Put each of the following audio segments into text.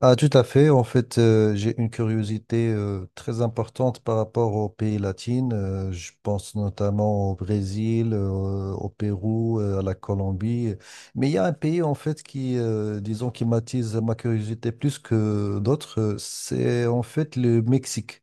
Ah, tout à fait. En fait, j'ai une curiosité très importante par rapport aux pays latins. Je pense notamment au Brésil, au Pérou, à la Colombie. Mais il y a un pays, en fait, qui, disons, qui m'attise ma curiosité plus que d'autres. C'est, en fait, le Mexique.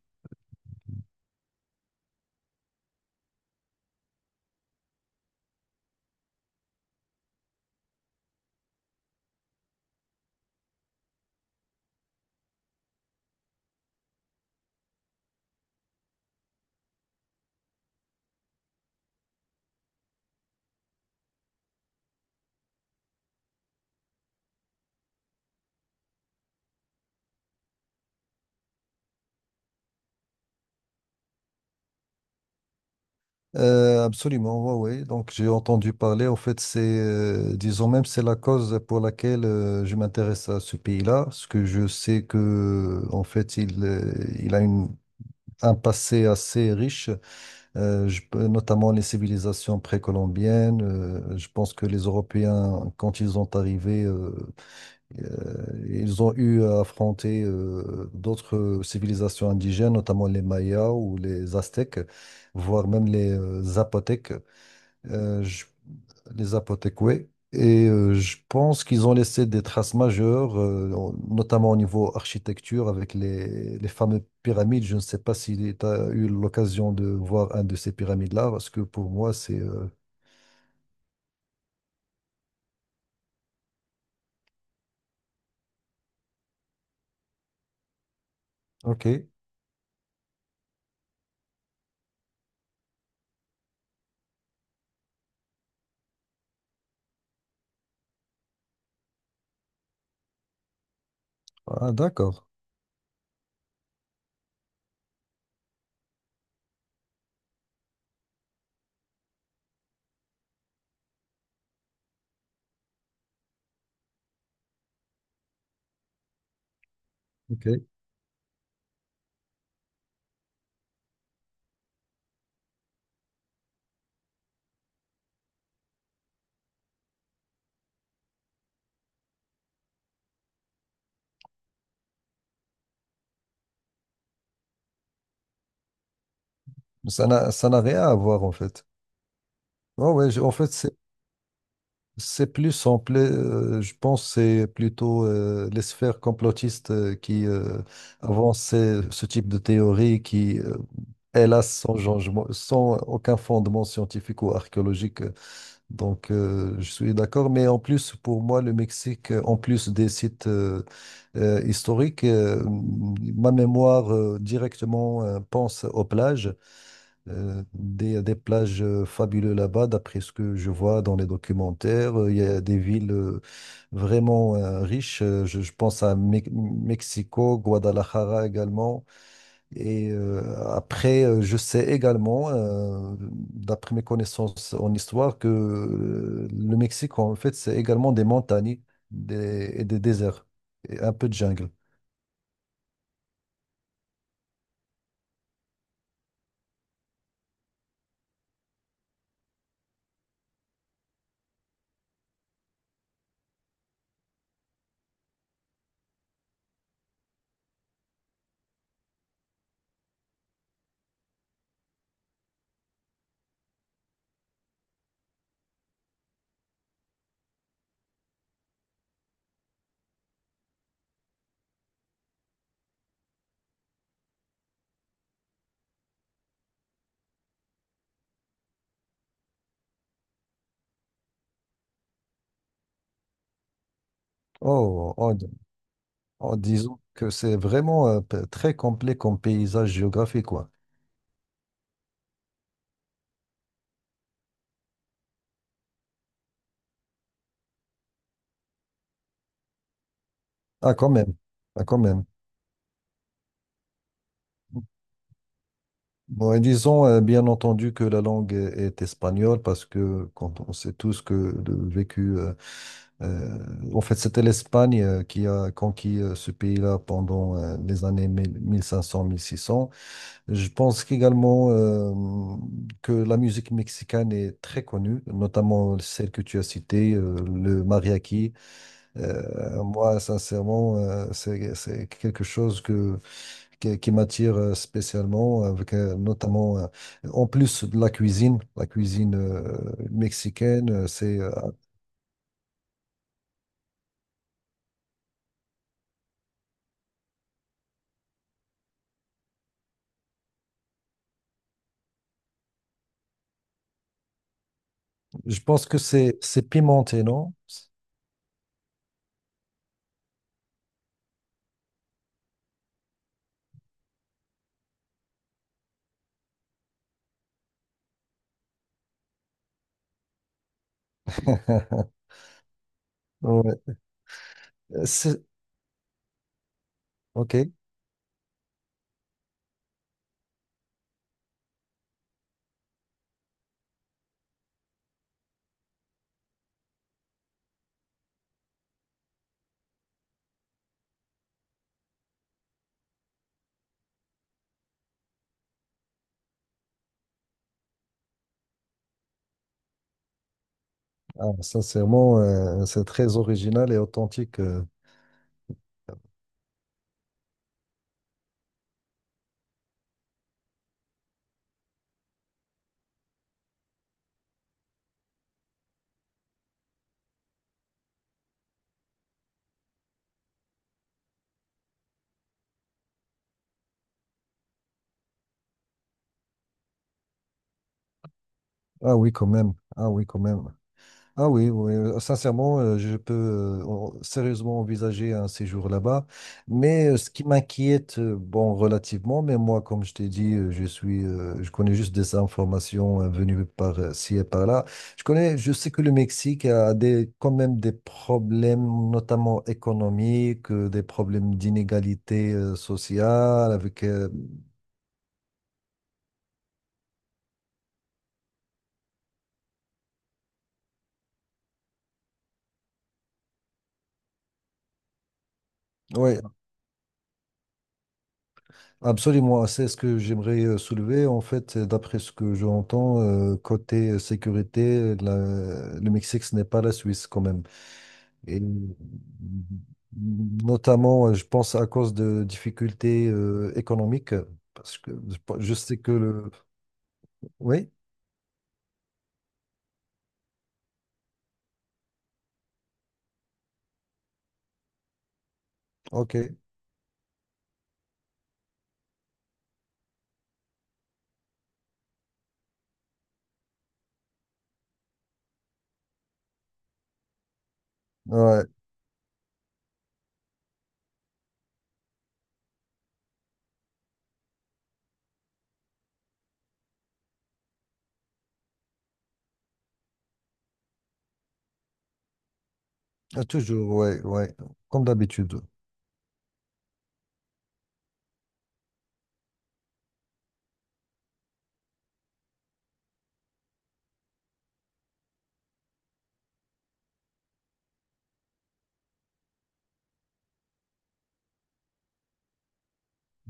Absolument, oui, oui. Donc, j'ai entendu parler. En fait, c'est, disons même, c'est la cause pour laquelle je m'intéresse à ce pays-là, parce que je sais que, en fait, il a une un passé assez riche, notamment les civilisations précolombiennes. Je pense que les Européens, quand ils sont arrivés, ils ont eu à affronter d'autres civilisations indigènes, notamment les Mayas ou les Aztèques, voire même les Zapotèques. Je Les Aztèques, oui. Je pense qu'ils ont laissé des traces majeures, notamment au niveau architecture, avec les fameuses pyramides. Je ne sais pas si tu as eu l'occasion de voir un de ces pyramides-là, parce que pour moi, c'est... OK. Ah, d'accord. OK. Mais ça n'a rien à voir, en fait. En fait, c'est plus simple, je pense c'est plutôt les sphères complotistes qui avancent ce type de théorie qui, hélas, sans aucun fondement scientifique ou archéologique. Donc, je suis d'accord. Mais en plus, pour moi, le Mexique, en plus des sites historiques, ma mémoire directement pense aux plages. Des plages fabuleuses là-bas, d'après ce que je vois dans les documentaires. Il y a des villes vraiment riches. Je pense à Mexico, Guadalajara également. Et après, je sais également, d'après mes connaissances en histoire, que le Mexique, en fait, c'est également des montagnes et des déserts et un peu de jungle. Oh, en, en disant que c'est vraiment très complet comme paysage géographique, quoi. Ah, quand même. Ah, quand même. Bon, et disons bien entendu que la langue est espagnole parce que quand on sait tous que le vécu, en fait, c'était l'Espagne qui a conquis ce pays-là pendant les années mille cinq cents, six cents. Je pense qu'également que la musique mexicaine est très connue, notamment celle que tu as citée, le mariachi. Moi, sincèrement, c'est quelque chose qui m'attire spécialement, avec notamment, en plus de la cuisine mexicaine, je pense que c'est pimenté, non? Ouais. C'est- Ok. Ah, sincèrement, c'est très original et authentique. Ah oui, quand même. Ah oui, quand même. Ah oui, oui, sincèrement, je peux sérieusement envisager un séjour là-bas. Mais ce qui m'inquiète, bon, relativement, mais moi, comme je t'ai dit, je connais juste des informations venues par ci et par là. Je connais, je sais que le Mexique a des, quand même des problèmes, notamment économiques, des problèmes d'inégalité sociale, avec, ouais, absolument, c'est ce que j'aimerais soulever. En fait, d'après ce que j'entends, côté sécurité, le Mexique, ce n'est pas la Suisse quand même. Et notamment, je pense à cause de difficultés économiques, parce que je sais que le... Oui, ok. Ouais, ah, toujours, ouais, ouais, comme d'habitude.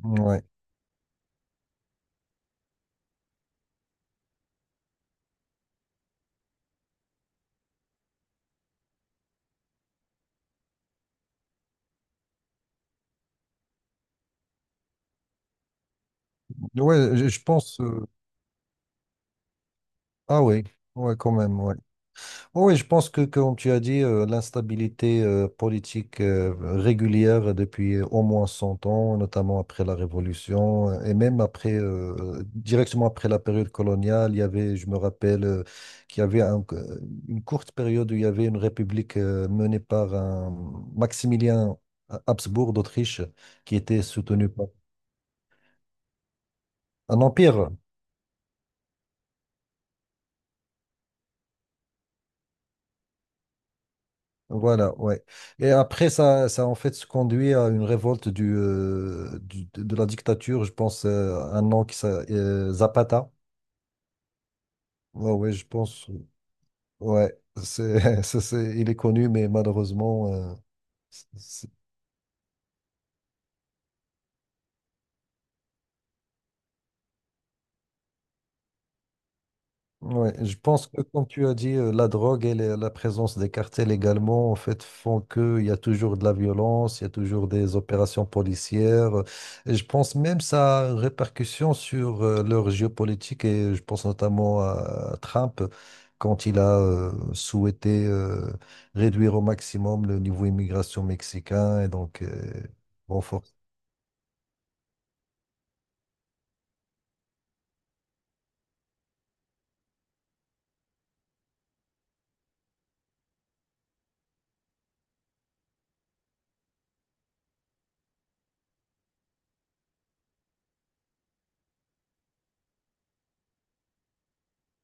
Ouais, ouais, je pense... Ah oui, ouais, quand même, ouais. Oh oui, je pense que, comme tu as dit, l'instabilité politique régulière depuis au moins 100 ans, notamment après la Révolution, et même après, directement après la période coloniale, il y avait, je me rappelle, qu'il y avait une courte période où il y avait une république menée par un Maximilien Habsbourg d'Autriche qui était soutenu par un empire. Voilà, ouais. Et après, ça a en fait se conduit à une révolte de la dictature, je pense, un nom qui s'appelle Zapata. Ouais, ouais, je pense, ouais, il est connu, mais malheureusement, c'est- ouais, je pense que comme tu as dit, la drogue et la présence des cartels également, en fait, font qu'il y a toujours de la violence, il y a toujours des opérations policières. Et je pense même ça a une répercussion sur leur géopolitique et je pense notamment à Trump quand il a souhaité réduire au maximum le niveau immigration mexicain et donc renforcer.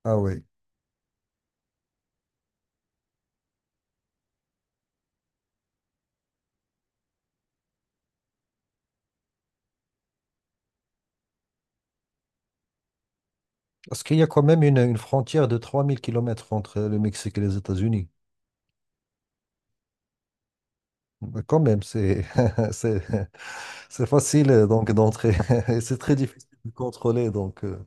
Ah oui. Parce qu'il y a quand même une frontière de 3000 kilomètres entre le Mexique et les États-Unis. Bah, quand même, c'est c'est c'est facile donc d'entrer et c'est très difficile de contrôler donc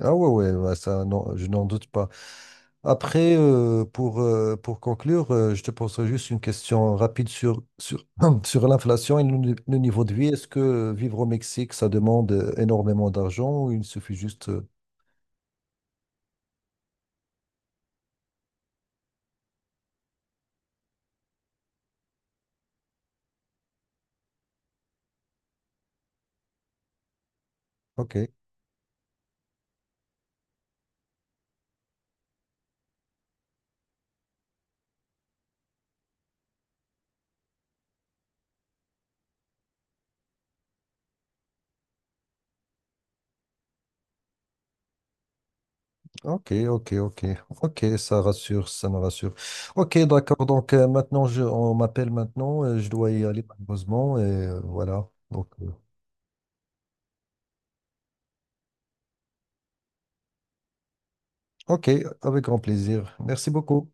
ah ouais ouais ouais, ça non je n'en doute pas. Après pour conclure je te poserai juste une question rapide sur sur l'inflation et le, ni- le niveau de vie. Est-ce que vivre au Mexique ça demande énormément d'argent ou il suffit juste ok, ok, ok, ok, ok, ça rassure, ça me rassure. Ok, d'accord, donc maintenant, on m'appelle maintenant, je dois y aller malheureusement, et voilà. Donc, ok, avec grand plaisir. Merci beaucoup.